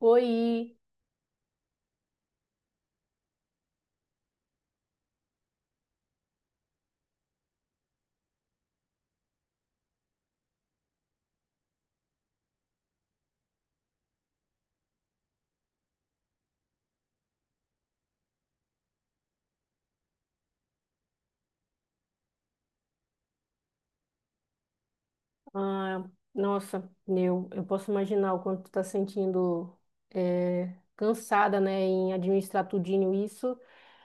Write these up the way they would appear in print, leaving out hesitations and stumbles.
Oi, ah, nossa, eu posso imaginar o quanto tu tá sentindo cansada, né, em administrar tudinho isso.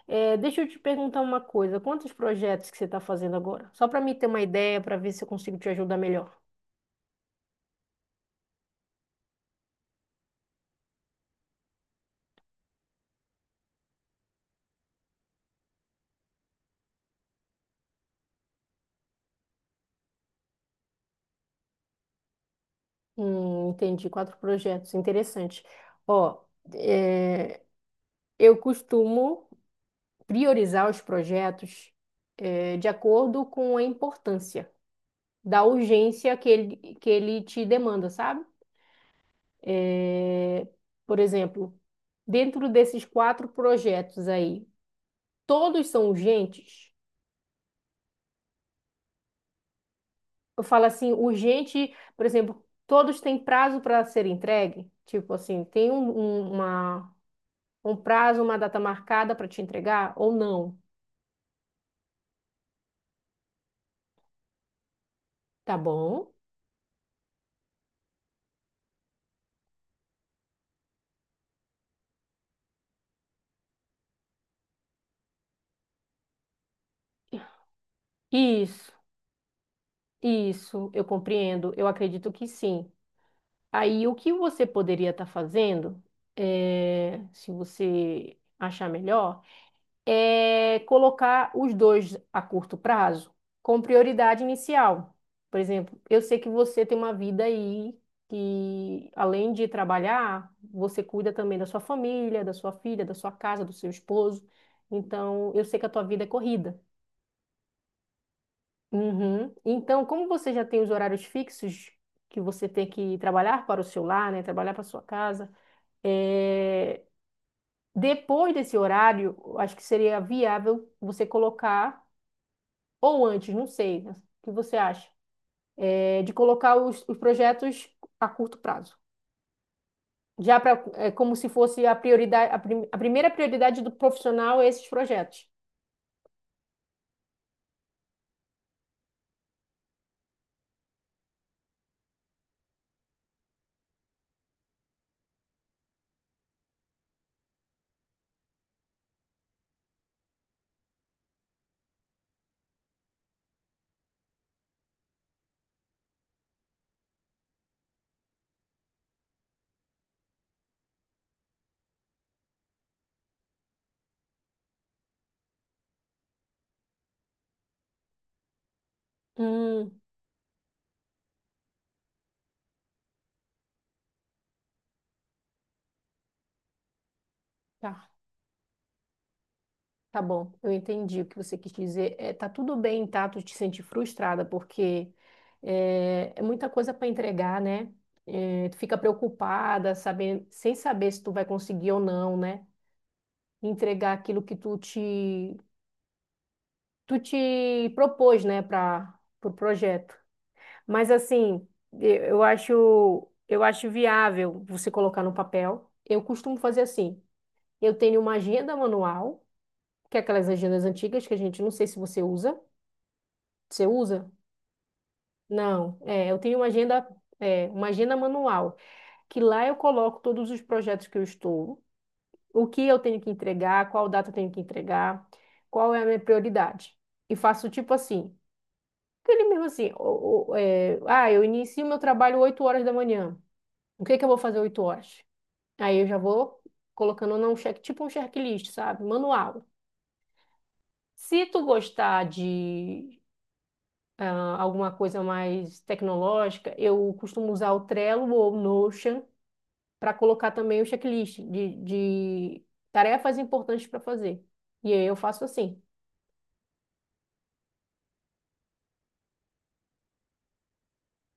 Deixa eu te perguntar uma coisa, quantos projetos que você está fazendo agora? Só para mim ter uma ideia, para ver se eu consigo te ajudar melhor. Entendi, quatro projetos, interessante. Ó, eh, eu costumo priorizar os projetos de acordo com a importância da urgência que ele te demanda, sabe? É, por exemplo, dentro desses quatro projetos aí, todos são urgentes? Eu falo assim, urgente, por exemplo, todos têm prazo para ser entregue? Tipo assim, tem um prazo, uma data marcada para te entregar ou não? Tá bom? Isso, isso, eu compreendo, eu acredito que sim. Aí, o que você poderia estar fazendo, se você achar melhor? É, colocar os dois a curto prazo com prioridade inicial. Por exemplo, eu sei que você tem uma vida aí que, além de trabalhar, você cuida também da sua família, da sua filha, da sua casa, do seu esposo. Então, eu sei que a tua vida é corrida. Uhum. Então, como você já tem os horários fixos que você tem que trabalhar para o seu lar, né, trabalhar para a sua casa, é, depois desse horário, eu acho que seria viável você colocar ou antes, não sei, né? O que você acha, de colocar os projetos a curto prazo. Já pra, é como se fosse a prioridade, a primeira prioridade do profissional é esses projetos. Hum, tá, tá bom, eu entendi o que você quis dizer. É, tá tudo bem, tá? Tu te sente frustrada, porque é muita coisa para entregar, né? É, tu fica preocupada, saber, sem saber se tu vai conseguir ou não, né? Entregar aquilo que tu te propôs, né, para o projeto. Mas assim, eu acho viável você colocar no papel. Eu costumo fazer assim. Eu tenho uma agenda manual, que é aquelas agendas antigas que a gente não sei se você usa. Você usa? Não. Eu tenho uma agenda, uma agenda manual, que lá eu coloco todos os projetos que eu estou, o que eu tenho que entregar, qual data eu tenho que entregar, qual é a minha prioridade. E faço tipo assim, ele mesmo assim, eu inicio meu trabalho 8 horas da manhã. O que é que eu vou fazer 8 horas? Aí eu já vou colocando num check, tipo um checklist, sabe? Manual. Se tu gostar de alguma coisa mais tecnológica, eu costumo usar o Trello ou o Notion para colocar também o checklist de tarefas importantes para fazer. E aí eu faço assim.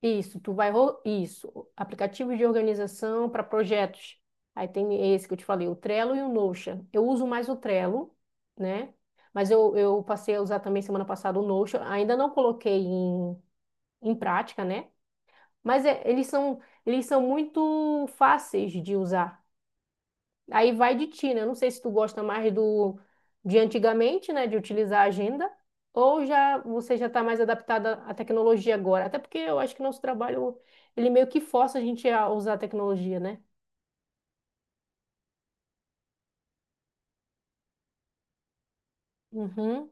Isso, tu vai. Isso, aplicativo de organização para projetos. Aí tem esse que eu te falei, o Trello e o Notion. Eu uso mais o Trello, né? Mas eu passei a usar também semana passada o Notion. Ainda não coloquei em prática, né? Eles são muito fáceis de usar. Aí vai de ti, né? Eu não sei se tu gosta mais do de antigamente, né, de utilizar a agenda, ou já você já está mais adaptada à tecnologia agora. Até porque eu acho que nosso trabalho ele meio que força a gente a usar a tecnologia, né? Uhum.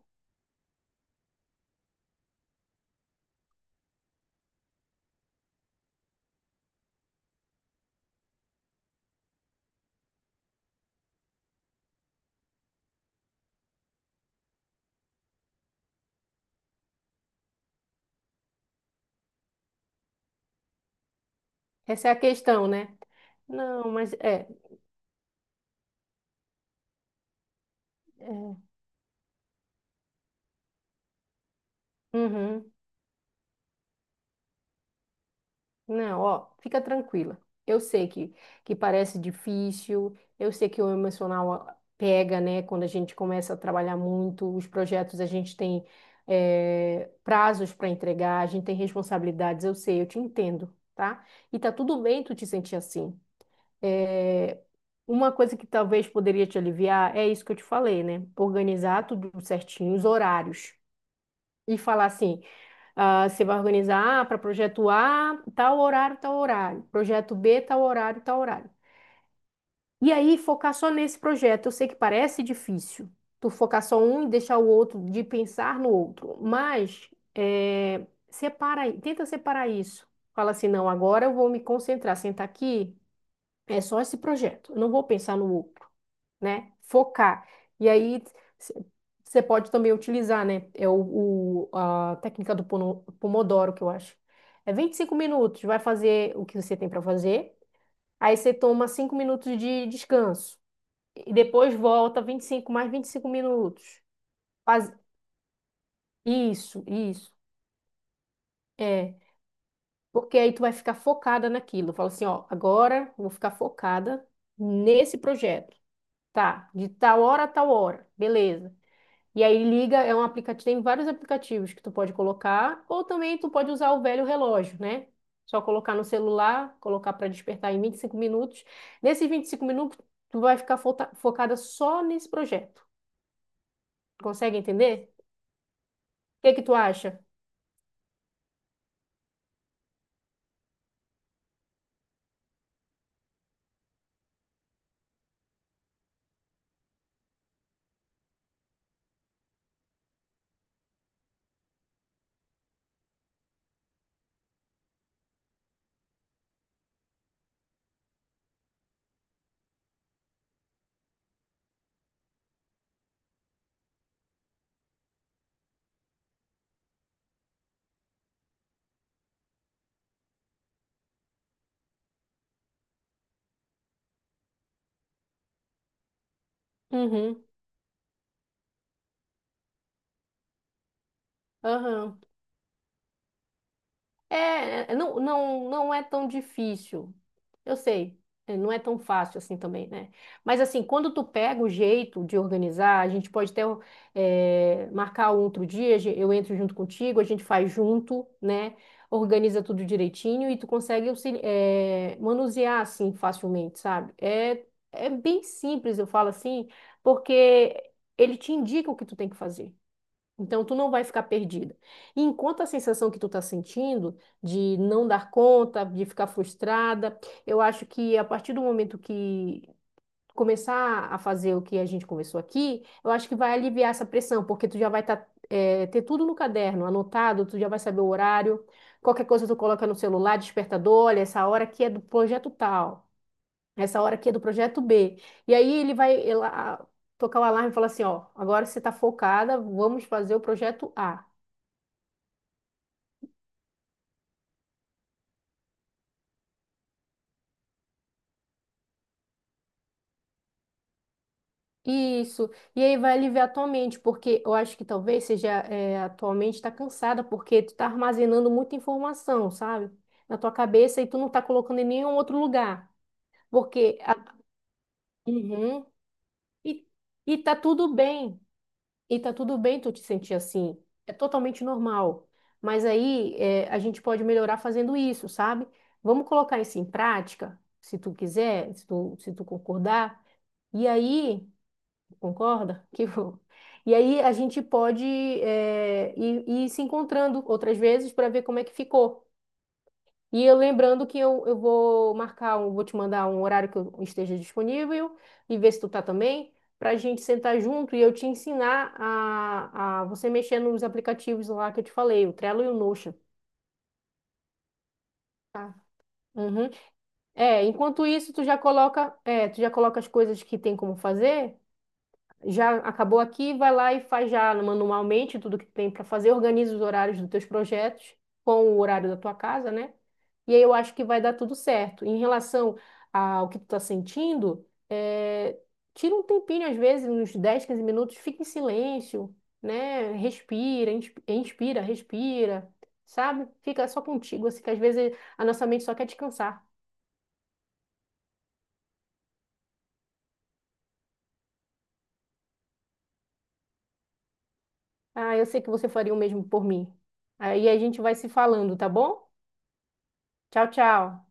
Essa é a questão, né? Não, mas é. É. Uhum. Não, ó, fica tranquila. Eu sei que parece difícil, eu sei que o emocional pega, né? Quando a gente começa a trabalhar muito, os projetos a gente tem prazos para entregar, a gente tem responsabilidades, eu sei, eu te entendo, tá? E tá tudo bem tu te sentir assim. Eh, uma coisa que talvez poderia te aliviar é isso que eu te falei, né? Organizar tudo certinho, os horários. E falar assim. Ah, você vai organizar para projeto A, tal horário, tal horário. Projeto B, tal horário, tal horário. E aí, focar só nesse projeto. Eu sei que parece difícil, tu focar só um e deixar o outro, de pensar no outro. Mas, separa, aí, tenta separar isso. Fala assim, não, agora eu vou me concentrar, sentar aqui, é só esse projeto. Eu não vou pensar no outro, né? Focar. E aí você pode também utilizar, né? É a técnica do Pomodoro, que eu acho. É 25 minutos, vai fazer o que você tem para fazer. Aí você toma 5 minutos de descanso. E depois volta 25 mais 25 minutos. Faz isso, isso. É. Porque aí tu vai ficar focada naquilo. Fala assim, ó, agora eu vou ficar focada nesse projeto. Tá, de tal hora a tal hora. Beleza. E aí liga, é um aplicativo, tem vários aplicativos que tu pode colocar, ou também tu pode usar o velho relógio, né? Só colocar no celular, colocar para despertar em 25 minutos. Nesses 25 minutos, tu vai ficar focada só nesse projeto. Consegue entender? O que que tu acha? Uhum, aham. É, é, não, não, não é tão difícil. Eu sei, não é tão fácil assim também, né? Mas assim, quando tu pega o jeito de organizar, a gente pode até marcar um outro dia, eu entro junto contigo, a gente faz junto, né? Organiza tudo direitinho e tu consegue manusear assim facilmente, sabe? É, é bem simples, eu falo assim, porque ele te indica o que tu tem que fazer. Então, tu não vai ficar perdida. E enquanto a sensação que tu tá sentindo de não dar conta, de ficar frustrada, eu acho que a partir do momento que começar a fazer o que a gente conversou aqui, eu acho que vai aliviar essa pressão, porque tu já vai tá, ter tudo no caderno, anotado, tu já vai saber o horário, qualquer coisa tu coloca no celular, despertador, olha, essa hora aqui é do projeto tal. Essa hora aqui é do projeto B. E aí ele vai tocar o alarme e falar assim, ó, agora você está focada, vamos fazer o projeto A. Isso. E aí vai aliviar a tua mente, porque eu acho que talvez seja a tua mente está cansada, porque tu está armazenando muita informação, sabe? Na tua cabeça e tu não está colocando em nenhum outro lugar. Porque a- Uhum. E, e tá tudo bem. E tá tudo bem tu te sentir assim. É totalmente normal. Mas aí a gente pode melhorar fazendo isso, sabe? Vamos colocar isso em prática, se tu quiser, se tu concordar. E aí, concorda? Que bom. E aí a gente pode ir se encontrando outras vezes para ver como é que ficou. E eu lembrando que eu vou vou te mandar um horário que eu esteja disponível e ver se tu tá também, para a gente sentar junto e eu te ensinar a você mexer nos aplicativos lá que eu te falei, o Trello e o Notion. Tá. Uhum. É, enquanto isso, tu já coloca as coisas que tem como fazer já acabou aqui, vai lá e faz já manualmente tudo que tem para fazer, organiza os horários dos teus projetos com o horário da tua casa, né? E aí eu acho que vai dar tudo certo. Em relação ao que tu tá sentindo, tira um tempinho, às vezes, uns 10 15 minutos, fica em silêncio, né? Respira, inspira, respira, sabe? Fica só contigo, assim, que às vezes a nossa mente só quer descansar. Ah, eu sei que você faria o mesmo por mim. Aí a gente vai se falando, tá bom? Tchau, tchau.